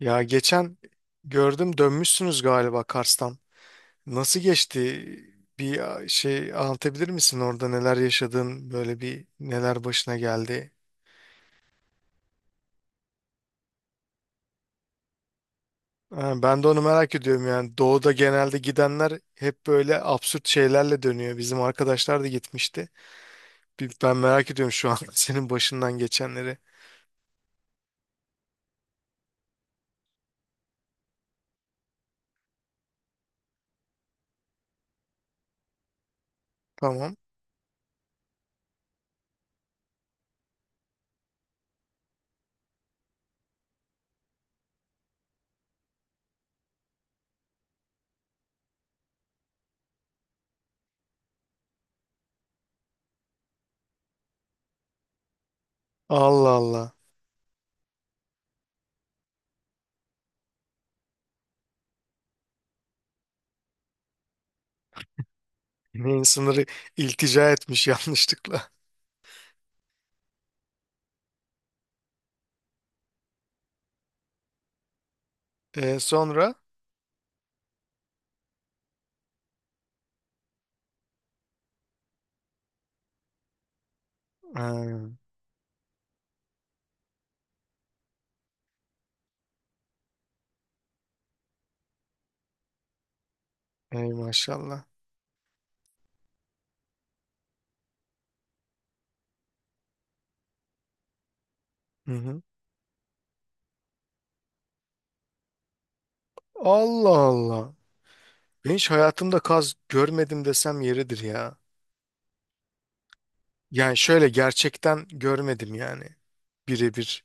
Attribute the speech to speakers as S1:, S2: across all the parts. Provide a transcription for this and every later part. S1: Ya geçen gördüm dönmüşsünüz galiba Kars'tan. Nasıl geçti? Bir şey anlatabilir misin orada neler yaşadın? Böyle bir neler başına geldi? Ha, ben de onu merak ediyorum yani. Doğu'da genelde gidenler hep böyle absürt şeylerle dönüyor. Bizim arkadaşlar da gitmişti. Ben merak ediyorum şu an senin başından geçenleri. Tamam. Allah Allah. Yemeğin sınırı iltica etmiş yanlışlıkla. E, sonra? Ha, ey maşallah. Hı hı. Allah Allah. Ben hiç hayatımda kaz görmedim desem yeridir ya. Yani şöyle gerçekten görmedim yani. Birebir.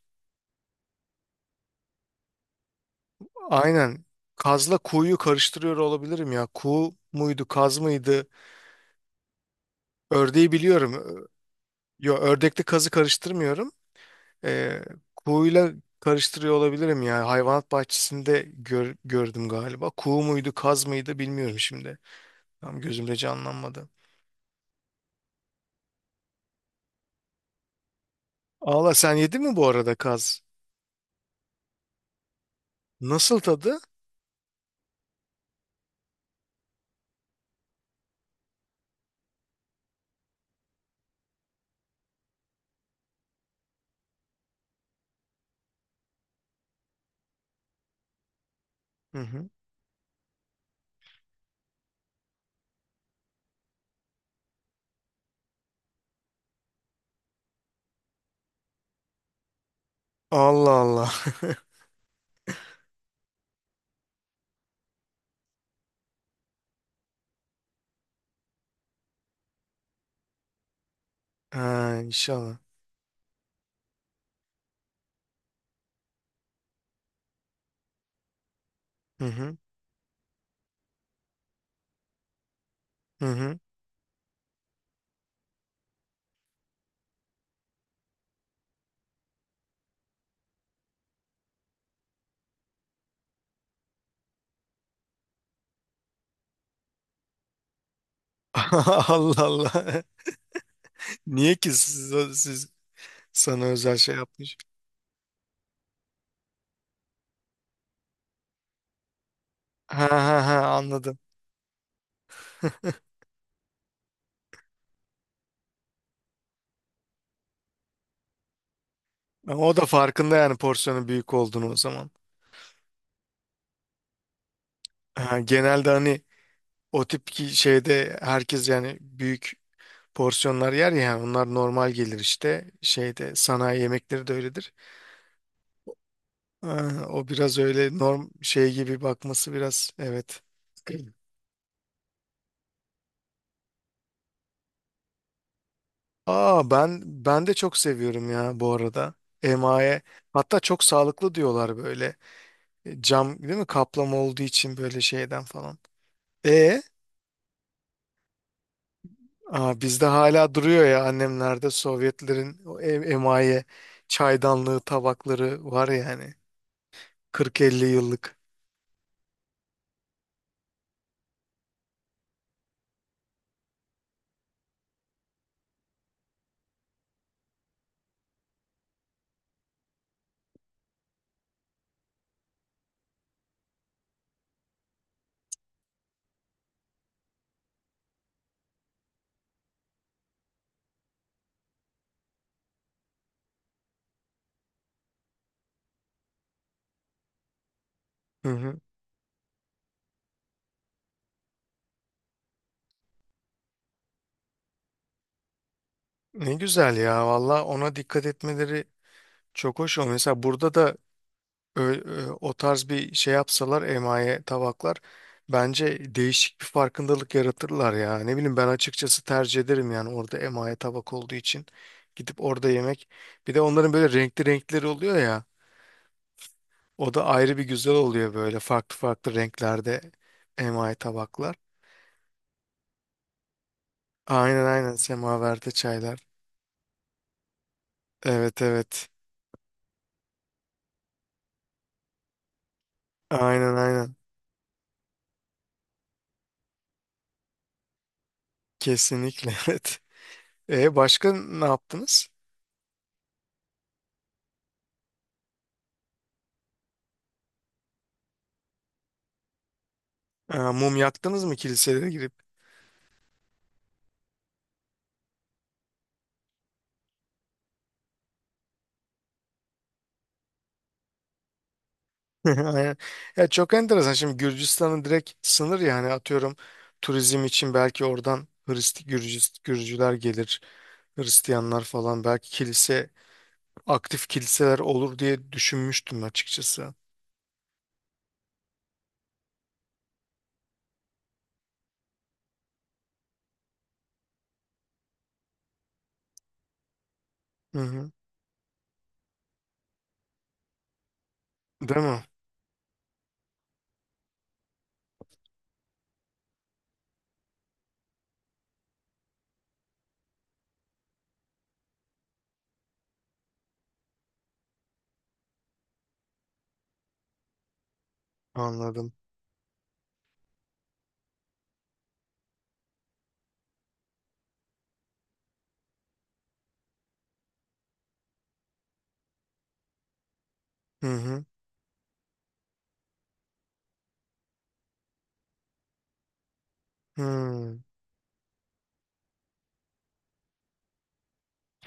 S1: Aynen. Kazla kuğuyu karıştırıyor olabilirim ya. Kuğu muydu, kaz mıydı? Ördeği biliyorum. Yo, ördekle kazı karıştırmıyorum. Ee, kuğuyla karıştırıyor olabilirim ya. Hayvanat bahçesinde gördüm galiba. Kuğu muydu, kaz mıydı bilmiyorum şimdi. Tam gözümde canlanmadı. Allah sen yedin mi bu arada kaz? Nasıl tadı? Hı hı. Allah Allah. Ha, inşallah. Hı hı. Hı hı. Allah Allah. Niye ki siz sana özel şey yapmış? Ha ha ha, anladım. Ama o da farkında yani porsiyonun büyük olduğunu o zaman. Ha, genelde hani o tip ki şeyde herkes yani büyük porsiyonlar yer ya, yani onlar normal gelir işte şeyde sanayi yemekleri de öyledir. Ha, o biraz öyle norm şey gibi bakması biraz, evet. Aa, ben de çok seviyorum ya bu arada. Emaye. Hatta çok sağlıklı diyorlar böyle. E, cam değil mi? Kaplama olduğu için böyle şeyden falan. E aa, bizde hala duruyor ya, annemlerde Sovyetlerin o emaye çaydanlığı tabakları var yani. 40-50 yıllık. Hı hı. Ne güzel ya, valla ona dikkat etmeleri çok hoş. O mesela burada da o tarz bir şey yapsalar emaye tabaklar, bence değişik bir farkındalık yaratırlar ya. Ne bileyim, ben açıkçası tercih ederim yani, orada emaye tabak olduğu için gidip orada yemek. Bir de onların böyle renkli renkleri oluyor ya. O da ayrı bir güzel oluyor böyle farklı farklı renklerde emaye tabaklar. Aynen aynen, semaverde çaylar. Evet, evet. Aynen, aynen. Kesinlikle evet. E, başka ne yaptınız? E, mum yaktınız mı kilisede? Aynen. Ya çok enteresan. Şimdi Gürcistan'ın direkt sınır, yani atıyorum, turizm için belki oradan Gürcüler gelir, Hristiyanlar falan, belki kilise, aktif kiliseler olur diye düşünmüştüm açıkçası. Hı hı. Değil mi? Anladım. Hı hı. Hı.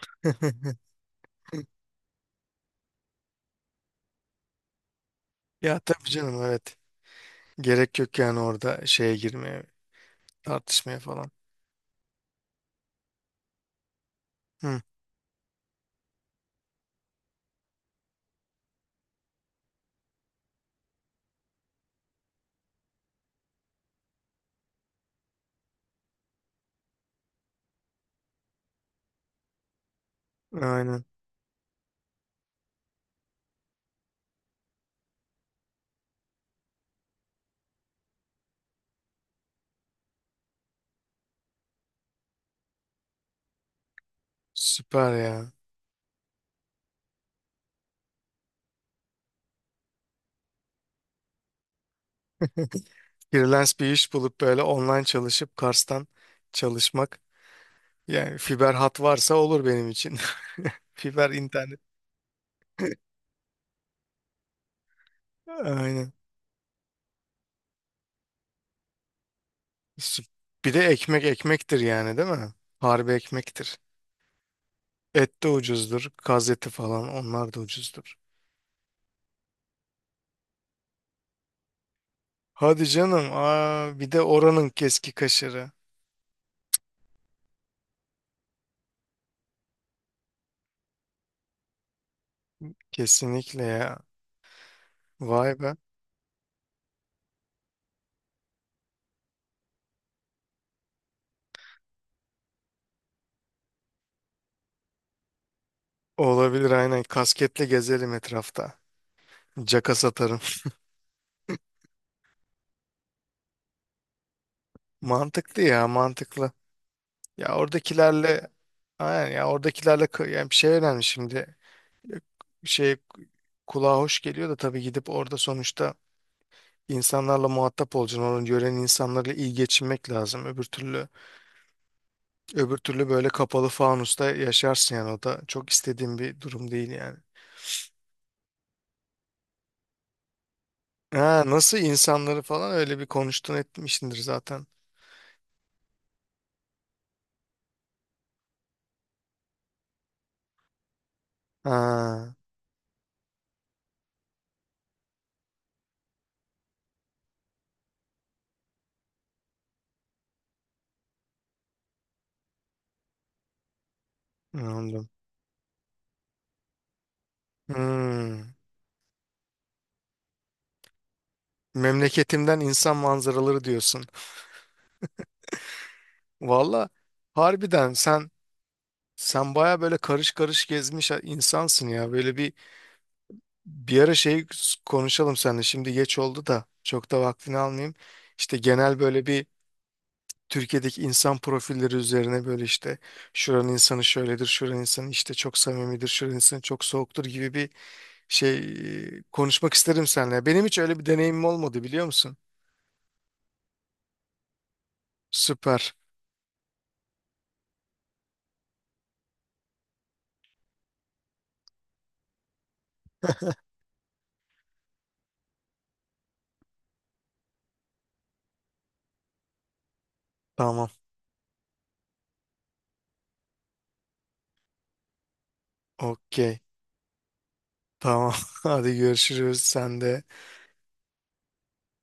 S1: Ya tabii canım, evet. Gerek yok yani orada şeye girmeye, tartışmaya falan. Hı. Aynen. Süper ya. Freelance bir iş bulup böyle online çalışıp Kars'tan çalışmak. Yani fiber hat varsa olur benim için. Fiber internet. Aynen. Süp- Bir de ekmek ekmektir yani, değil mi? Harbi ekmektir. Et de ucuzdur. Kaz eti falan, onlar da ucuzdur. Hadi canım. Aa, bir de oranın keski kaşarı. Kesinlikle ya. Vay be. Olabilir, aynen. Kasketle gezelim etrafta. Caka satarım. Mantıklı ya, mantıklı. Ya oradakilerle, aynen, yani bir şey önemli şimdi. Şey kulağa hoş geliyor da tabii gidip orada sonuçta insanlarla muhatap olacaksın. Onun gören insanlarla iyi geçinmek lazım. Öbür türlü, böyle kapalı fanusta yaşarsın yani, o da çok istediğim bir durum değil yani. Ha, nasıl insanları falan öyle bir konuştun etmişsindir zaten. Ha, anladım. Hmm. Memleketimden insan manzaraları diyorsun. Valla harbiden sen baya böyle karış karış gezmiş insansın ya. Böyle bir ara şey konuşalım seninle. Şimdi geç oldu da çok da vaktini almayayım. İşte genel böyle bir Türkiye'deki insan profilleri üzerine, böyle işte şuranın insanı şöyledir, şuranın insanı işte çok samimidir, şuranın insanı çok soğuktur gibi bir şey, konuşmak isterim seninle. Benim hiç öyle bir deneyimim olmadı, biliyor musun? Süper. Tamam. Okey. Tamam. Hadi görüşürüz. Sen de.